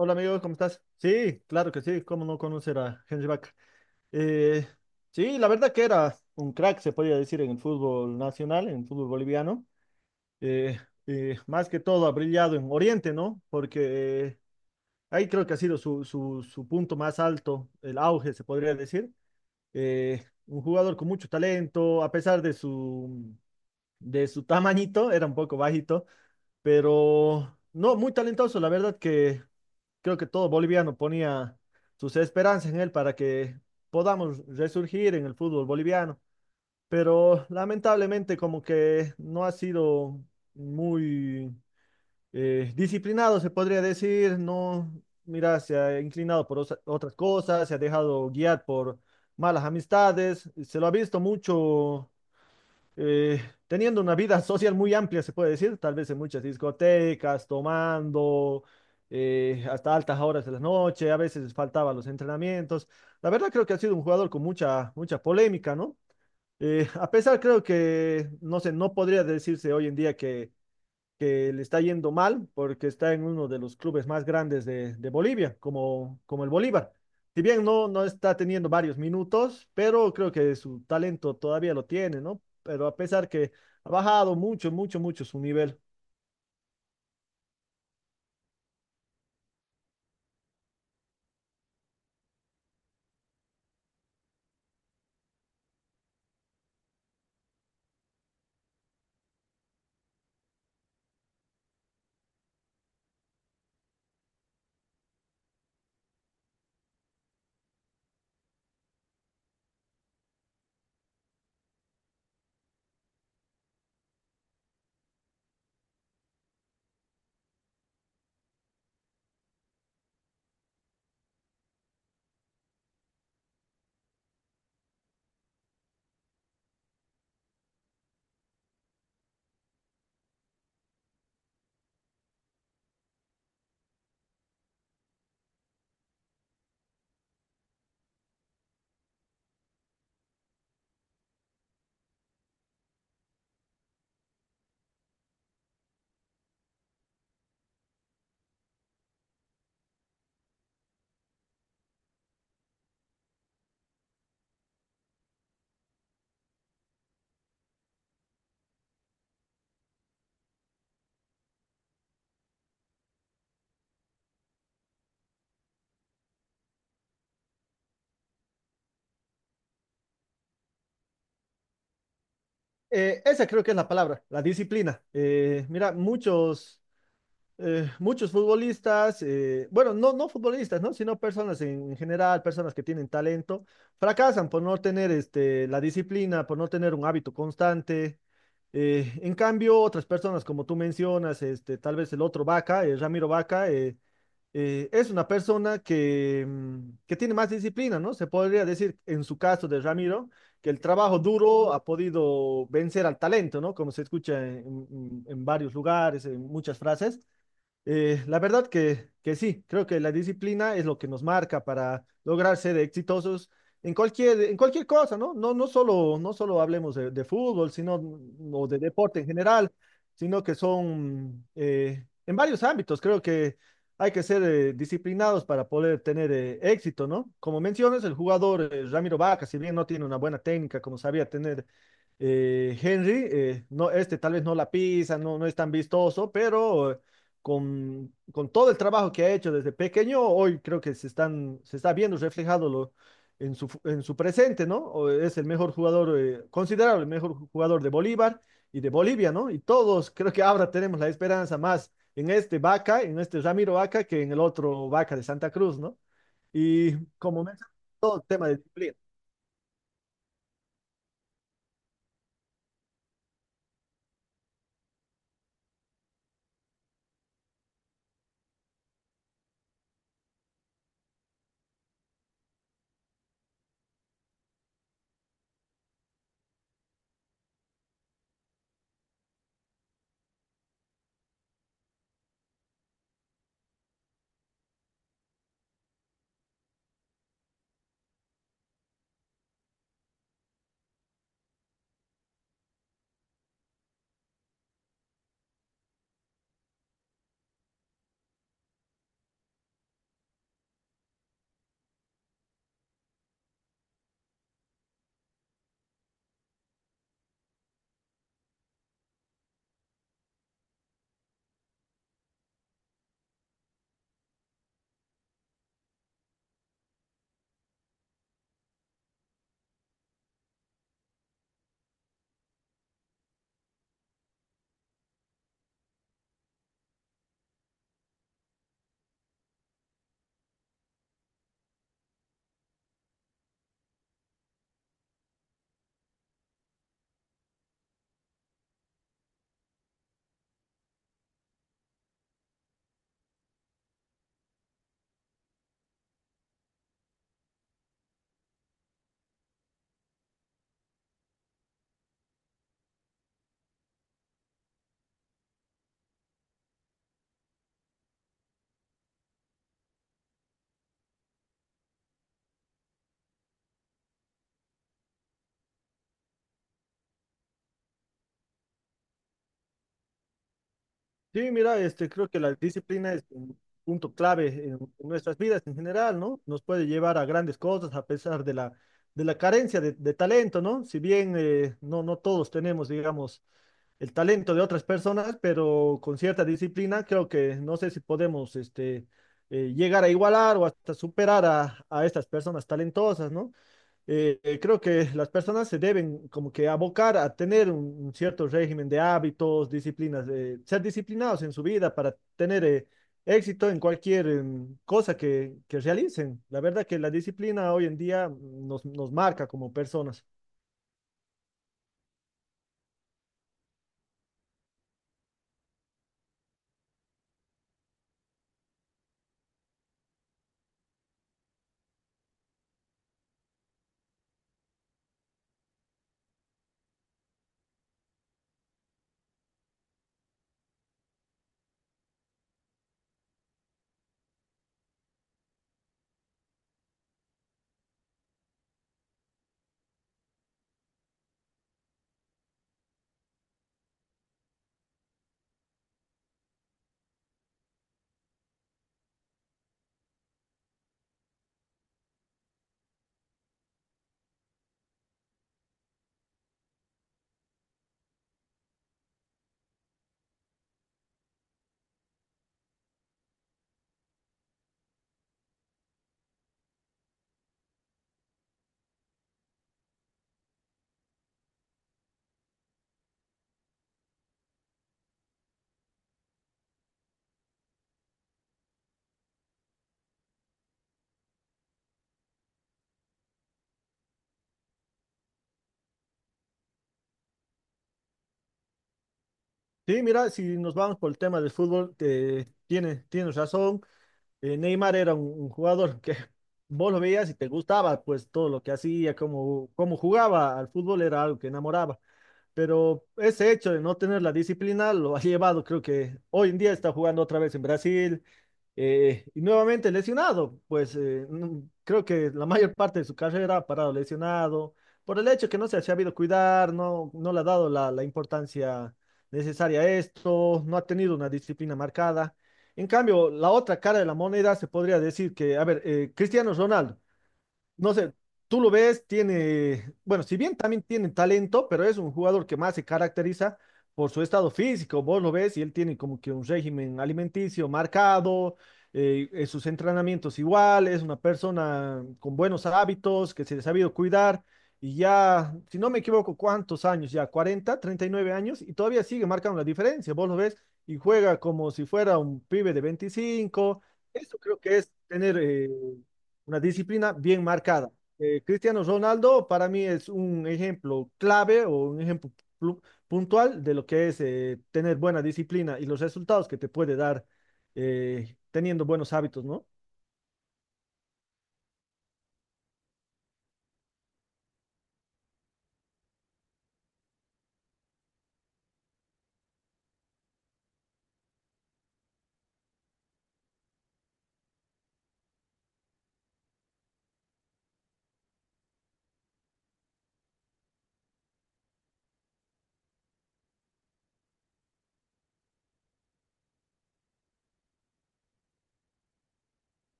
Hola amigo, ¿cómo estás? Sí, claro que sí, ¿cómo no conocer a Henry Vaca? Eh, sí, la verdad que era un crack, se podría decir, en el fútbol nacional, en el fútbol boliviano. Eh, más que todo ha brillado en Oriente, ¿no? Porque ahí creo que ha sido su punto más alto, el auge, se podría decir. Eh, un jugador con mucho talento, a pesar de su tamañito, era un poco bajito, pero no, muy talentoso, la verdad que creo que todo boliviano ponía sus esperanzas en él para que podamos resurgir en el fútbol boliviano. Pero lamentablemente como que no ha sido muy disciplinado, se podría decir, no, mira, se ha inclinado por otras cosas, se ha dejado guiar por malas amistades, se lo ha visto mucho eh, teniendo una vida social muy amplia, se puede decir, tal vez en muchas discotecas, tomando hasta altas horas de la noche, a veces faltaba los entrenamientos. La verdad creo que ha sido un jugador con mucha, mucha polémica, ¿no? A pesar creo que, no sé, no podría decirse hoy en día que le está yendo mal porque está en uno de los clubes más grandes de Bolivia, como el Bolívar. Si bien no está teniendo varios minutos, pero creo que su talento todavía lo tiene, ¿no? Pero a pesar que ha bajado mucho, mucho, mucho su nivel. Esa creo que es la palabra, la disciplina. Mira, muchos futbolistas, bueno, no futbolistas, ¿no? Sino personas en general, personas que tienen talento, fracasan por no tener la disciplina, por no tener un hábito constante. En cambio, otras personas, como tú mencionas, tal vez el otro Vaca, Ramiro Vaca, es una persona que tiene más disciplina, ¿no? Se podría decir, en su caso de Ramiro, que el trabajo duro ha podido vencer al talento, ¿no? Como se escucha en varios lugares, en muchas frases. La verdad que sí, creo que la disciplina es lo que nos marca para lograr ser exitosos en cualquier cosa, ¿no? No solo hablemos de fútbol, sino o de deporte en general, sino que son en varios ámbitos. Creo que hay que ser disciplinados para poder tener éxito, ¿no? Como mencionas, el jugador Ramiro Vaca, si bien no tiene una buena técnica como sabía tener Henry, no, este tal vez no la pisa, no es tan vistoso, pero con todo el trabajo que ha hecho desde pequeño, hoy creo que se está viendo reflejado en su presente, ¿no? O es el mejor jugador, considerable el mejor jugador de Bolívar y de Bolivia, ¿no? Y todos creo que ahora tenemos la esperanza más en este Vaca, en este Ramiro Vaca, que en el otro Vaca de Santa Cruz, ¿no? Y como mencioné, todo el tema de disciplina. Sí, mira, creo que la disciplina es un punto clave en nuestras vidas en general, ¿no? Nos puede llevar a grandes cosas a pesar de la carencia de talento, ¿no? Si bien no todos tenemos, digamos, el talento de otras personas, pero con cierta disciplina creo que no sé si podemos llegar a igualar o hasta superar a estas personas talentosas, ¿no? Creo que las personas se deben como que abocar a tener un cierto régimen de hábitos, disciplinas, ser disciplinados en su vida para tener éxito en cualquier cosa que realicen. La verdad que la disciplina hoy en día nos marca como personas. Sí, mira, si nos vamos por el tema del fútbol, tienes razón. Neymar era un jugador que vos lo veías y te gustaba, pues todo lo que hacía, cómo jugaba al fútbol era algo que enamoraba. Pero ese hecho de no tener la disciplina lo ha llevado, creo que hoy en día está jugando otra vez en Brasil, y nuevamente lesionado, pues creo que la mayor parte de su carrera ha parado lesionado por el hecho que no se ha sabido cuidar, no le ha dado la importancia necesaria a esto, no ha tenido una disciplina marcada. En cambio, la otra cara de la moneda se podría decir que, a ver, Cristiano Ronaldo. No sé, tú lo ves, bueno, si bien también tiene talento, pero es un jugador que más se caracteriza por su estado físico. Vos lo ves y él tiene como que un régimen alimenticio marcado, sus entrenamientos igual, es una persona con buenos hábitos, que se le ha sabido cuidar y ya, si no me equivoco, ¿cuántos años ya? cuarenta 39 años y todavía sigue marcando la diferencia. Vos lo ves y juega como si fuera un pibe de 25. Eso creo que es tener una disciplina bien marcada. Cristiano Ronaldo para mí es un ejemplo clave o un ejemplo plu- puntual de lo que es tener buena disciplina y los resultados que te puede dar teniendo buenos hábitos, ¿no?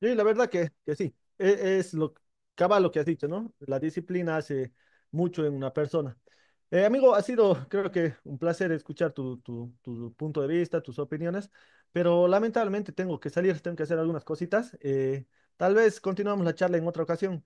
Sí, la verdad que sí. Es, lo cabal lo que has dicho, ¿no? La disciplina hace mucho en una persona. Amigo, ha sido, creo que, un placer escuchar tu punto de vista, tus opiniones, pero lamentablemente tengo que salir, tengo que hacer algunas cositas. Tal vez continuamos la charla en otra ocasión.